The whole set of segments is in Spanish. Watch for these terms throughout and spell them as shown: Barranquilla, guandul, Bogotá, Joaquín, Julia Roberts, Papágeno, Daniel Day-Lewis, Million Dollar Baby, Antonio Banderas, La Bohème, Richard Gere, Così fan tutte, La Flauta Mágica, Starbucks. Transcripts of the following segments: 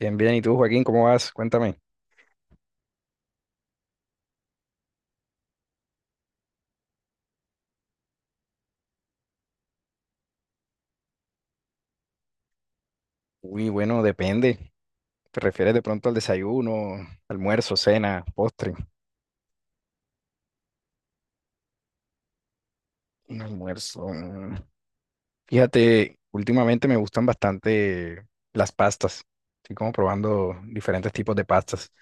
Bien, bien. ¿Y tú, Joaquín, cómo vas? Cuéntame. Uy, bueno, depende. ¿Te refieres de pronto al desayuno, almuerzo, cena, postre? Un almuerzo. Mm. Fíjate, últimamente me gustan bastante las pastas. Estoy como probando diferentes tipos de pastas.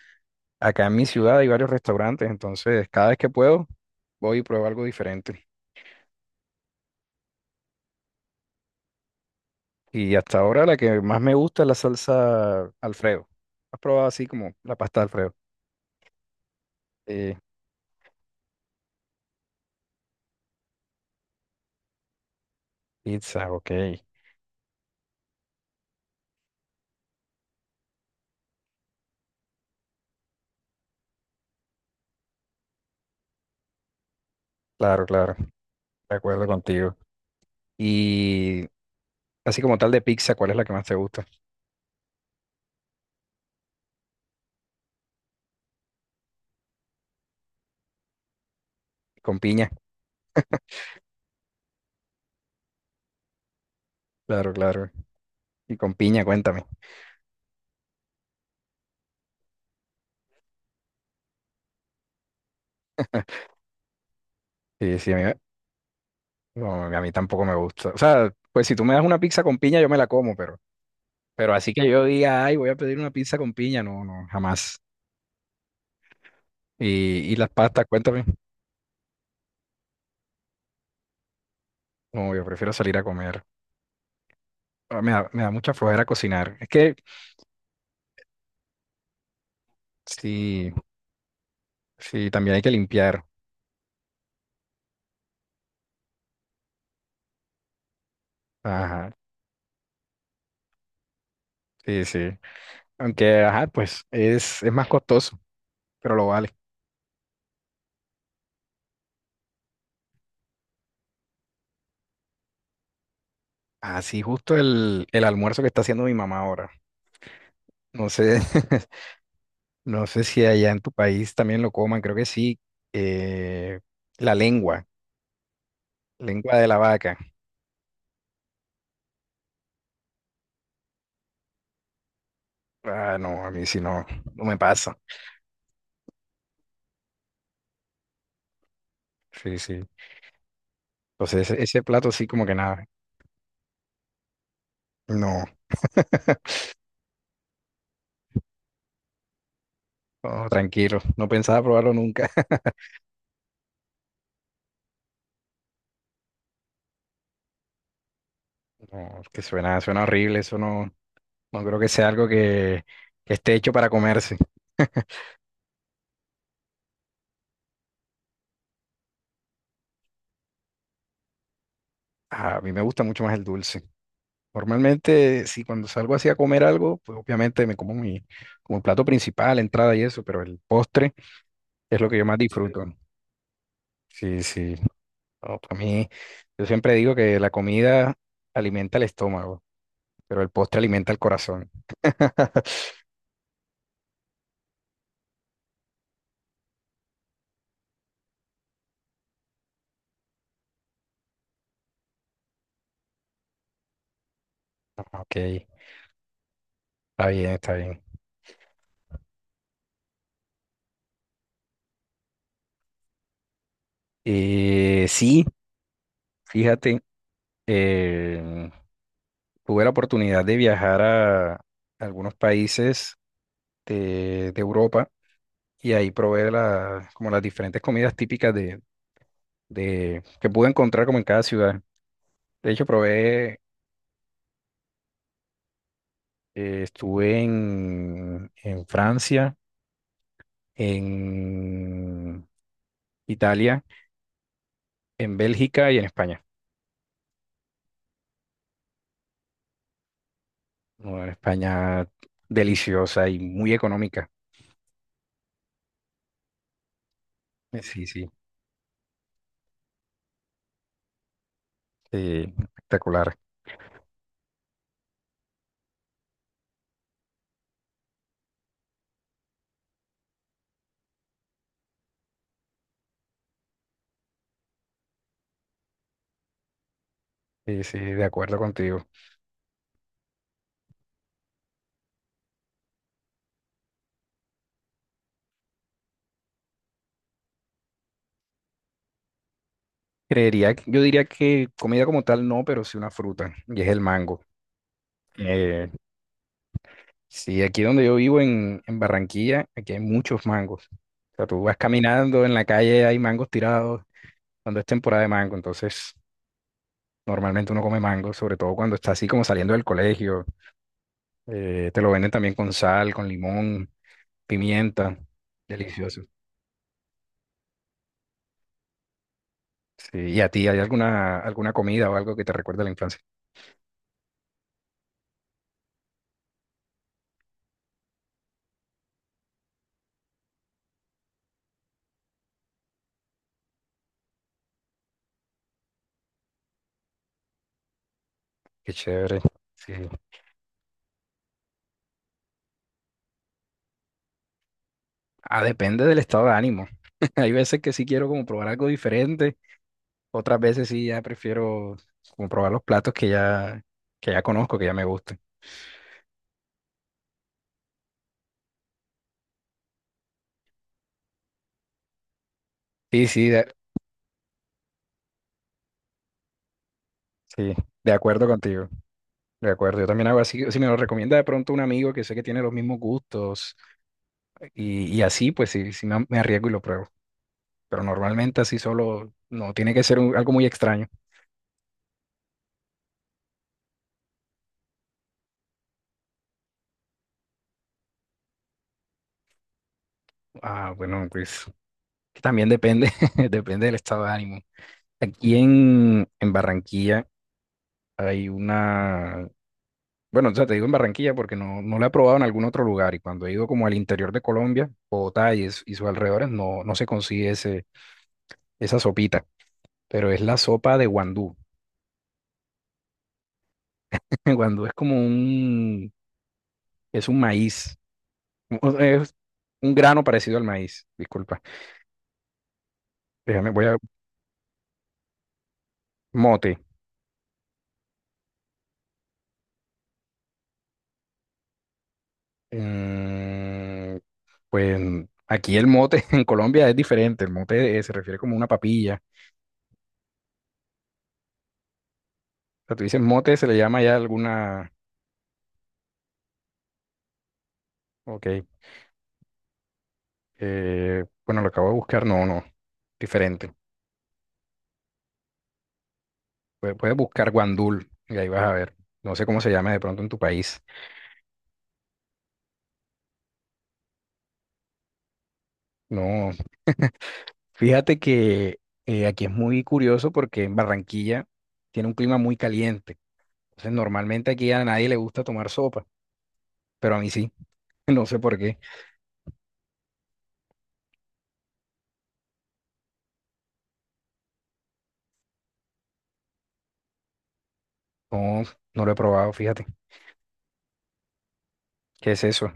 Acá en mi ciudad hay varios restaurantes, entonces cada vez que puedo voy y pruebo algo diferente. Y hasta ahora la que más me gusta es la salsa Alfredo. ¿Has probado así como la pasta Alfredo? Sí, pizza, ok. Claro, claro, de acuerdo contigo. Y así como tal de pizza, ¿cuál es la que más te gusta? Con piña, claro, claro. Y con piña, cuéntame. Sí, sí, a mí, no, a mí tampoco me gusta. O sea, pues si tú me das una pizza con piña, yo me la como, pero así que yo diga, ay, voy a pedir una pizza con piña, no, no, jamás. Y las pastas, cuéntame. Como yo prefiero salir a comer. Ah, me da mucha flojera cocinar. Es que sí, sí, también hay que limpiar. Ajá, sí, sí. Aunque, ajá, pues es más costoso, pero lo vale. Así justo el almuerzo que está haciendo mi mamá ahora. No sé, no sé si allá en tu país también lo coman, creo que sí. Eh, la lengua, lengua de la vaca. Ah, no, a mí sí no, no me pasa. Sí, sí. Entonces ese plato sí como que nada. No, no, tranquilo, no pensaba probarlo nunca. No, es que suena, suena horrible, eso no, no creo que sea algo que esté hecho para comerse. A mí me gusta mucho más el dulce. Normalmente, si cuando salgo así a comer algo, pues obviamente me como mi, como el plato principal, entrada y eso, pero el postre es lo que yo más disfruto. Sí, sí. No, para mí, yo siempre digo que la comida alimenta el estómago, pero el postre alimenta el corazón. Ok, está bien, está bien. Sí, fíjate, eh, tuve la oportunidad de viajar a algunos países de Europa y ahí probé como las diferentes comidas típicas de, que pude encontrar como en cada ciudad. De hecho, probé, estuve en Francia, en Italia, en Bélgica y en España. Bueno, en España deliciosa y muy económica. Sí, sí, sí, eh, espectacular. Sí, sí, de acuerdo contigo. Creería, yo diría que comida como tal no, pero sí una fruta, y es el mango. Eh, sí, aquí donde yo vivo en Barranquilla, aquí hay muchos mangos. O sea, tú vas caminando en la calle, hay mangos tirados, cuando es temporada de mango, entonces normalmente uno come mango, sobre todo cuando está así como saliendo del colegio. Te lo venden también con sal, con limón, pimienta, delicioso. Sí, ¿y a ti hay alguna, alguna comida o algo que te recuerde a la infancia? Qué chévere. Sí. Ah, depende del estado de ánimo. Hay veces que sí quiero como probar algo diferente, otras veces sí ya prefiero como probar los platos que ya conozco, que ya me gustan. Sí, sí, de acuerdo contigo, de acuerdo. Yo también hago así, si me lo recomienda de pronto un amigo que sé que tiene los mismos gustos y así, pues sí, sí me arriesgo y lo pruebo. Pero normalmente así solo, no, tiene que ser algo muy extraño. Ah, bueno, pues también depende, depende del estado de ánimo. Aquí en Barranquilla. Hay una, bueno, o sea, te digo en Barranquilla porque no, no la he probado en algún otro lugar y cuando he ido como al interior de Colombia, Bogotá y, y sus alrededores, no, no se consigue ese, esa sopita, pero es la sopa de guandú. Guandú es como un, es un maíz, o es un grano parecido al maíz, disculpa. Déjame, voy a, mote. Mm, pues aquí el mote en Colombia es diferente, el mote se refiere como una papilla. O sea, tú dices mote, se le llama ya alguna... Ok. Bueno, lo acabo de buscar, no, no, diferente. Puedes, puedes buscar guandul y ahí vas a ver. No sé cómo se llama de pronto en tu país. No, fíjate que aquí es muy curioso porque en Barranquilla tiene un clima muy caliente. Entonces, normalmente aquí a nadie le gusta tomar sopa, pero a mí sí. No sé por qué. No, no lo he probado, fíjate. ¿Qué es eso?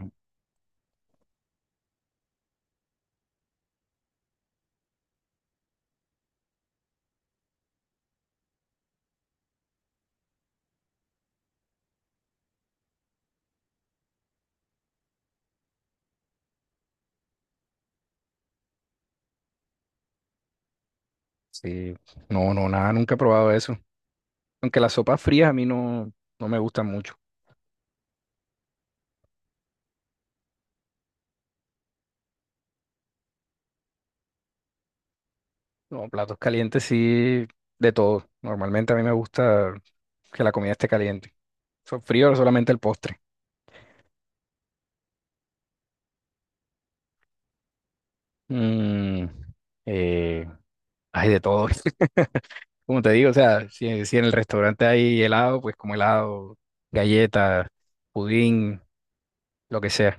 Sí, no, no, nada, nunca he probado eso. Aunque las sopas frías a mí no, no me gustan mucho. No, platos calientes sí, de todo. Normalmente a mí me gusta que la comida esté caliente. Frío solamente el postre. Mm, eh, hay de todo. Como te digo, o sea, si, si en el restaurante hay helado, pues como helado, galleta, pudín, lo que sea.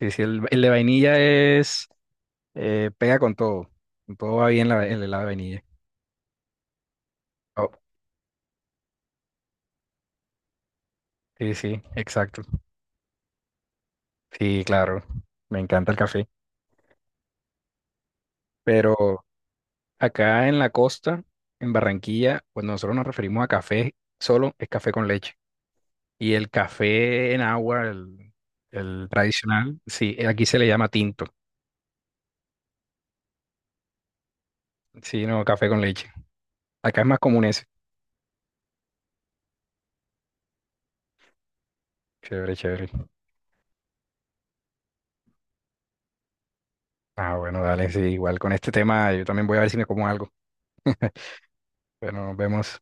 Y si el de vainilla es, pega con todo. Con todo va bien el helado de vainilla. Oh, sí, sí, exacto. Sí, claro. Me encanta el café. Pero acá en la costa, en Barranquilla, cuando nosotros nos referimos a café, solo es café con leche. Y el café en agua, el tradicional, sí, aquí se le llama tinto. Sí, no, café con leche. Acá es más común ese. Chévere, chévere. Ah, bueno, dale, sí, igual con este tema yo también voy a ver si me como algo. Bueno, nos vemos.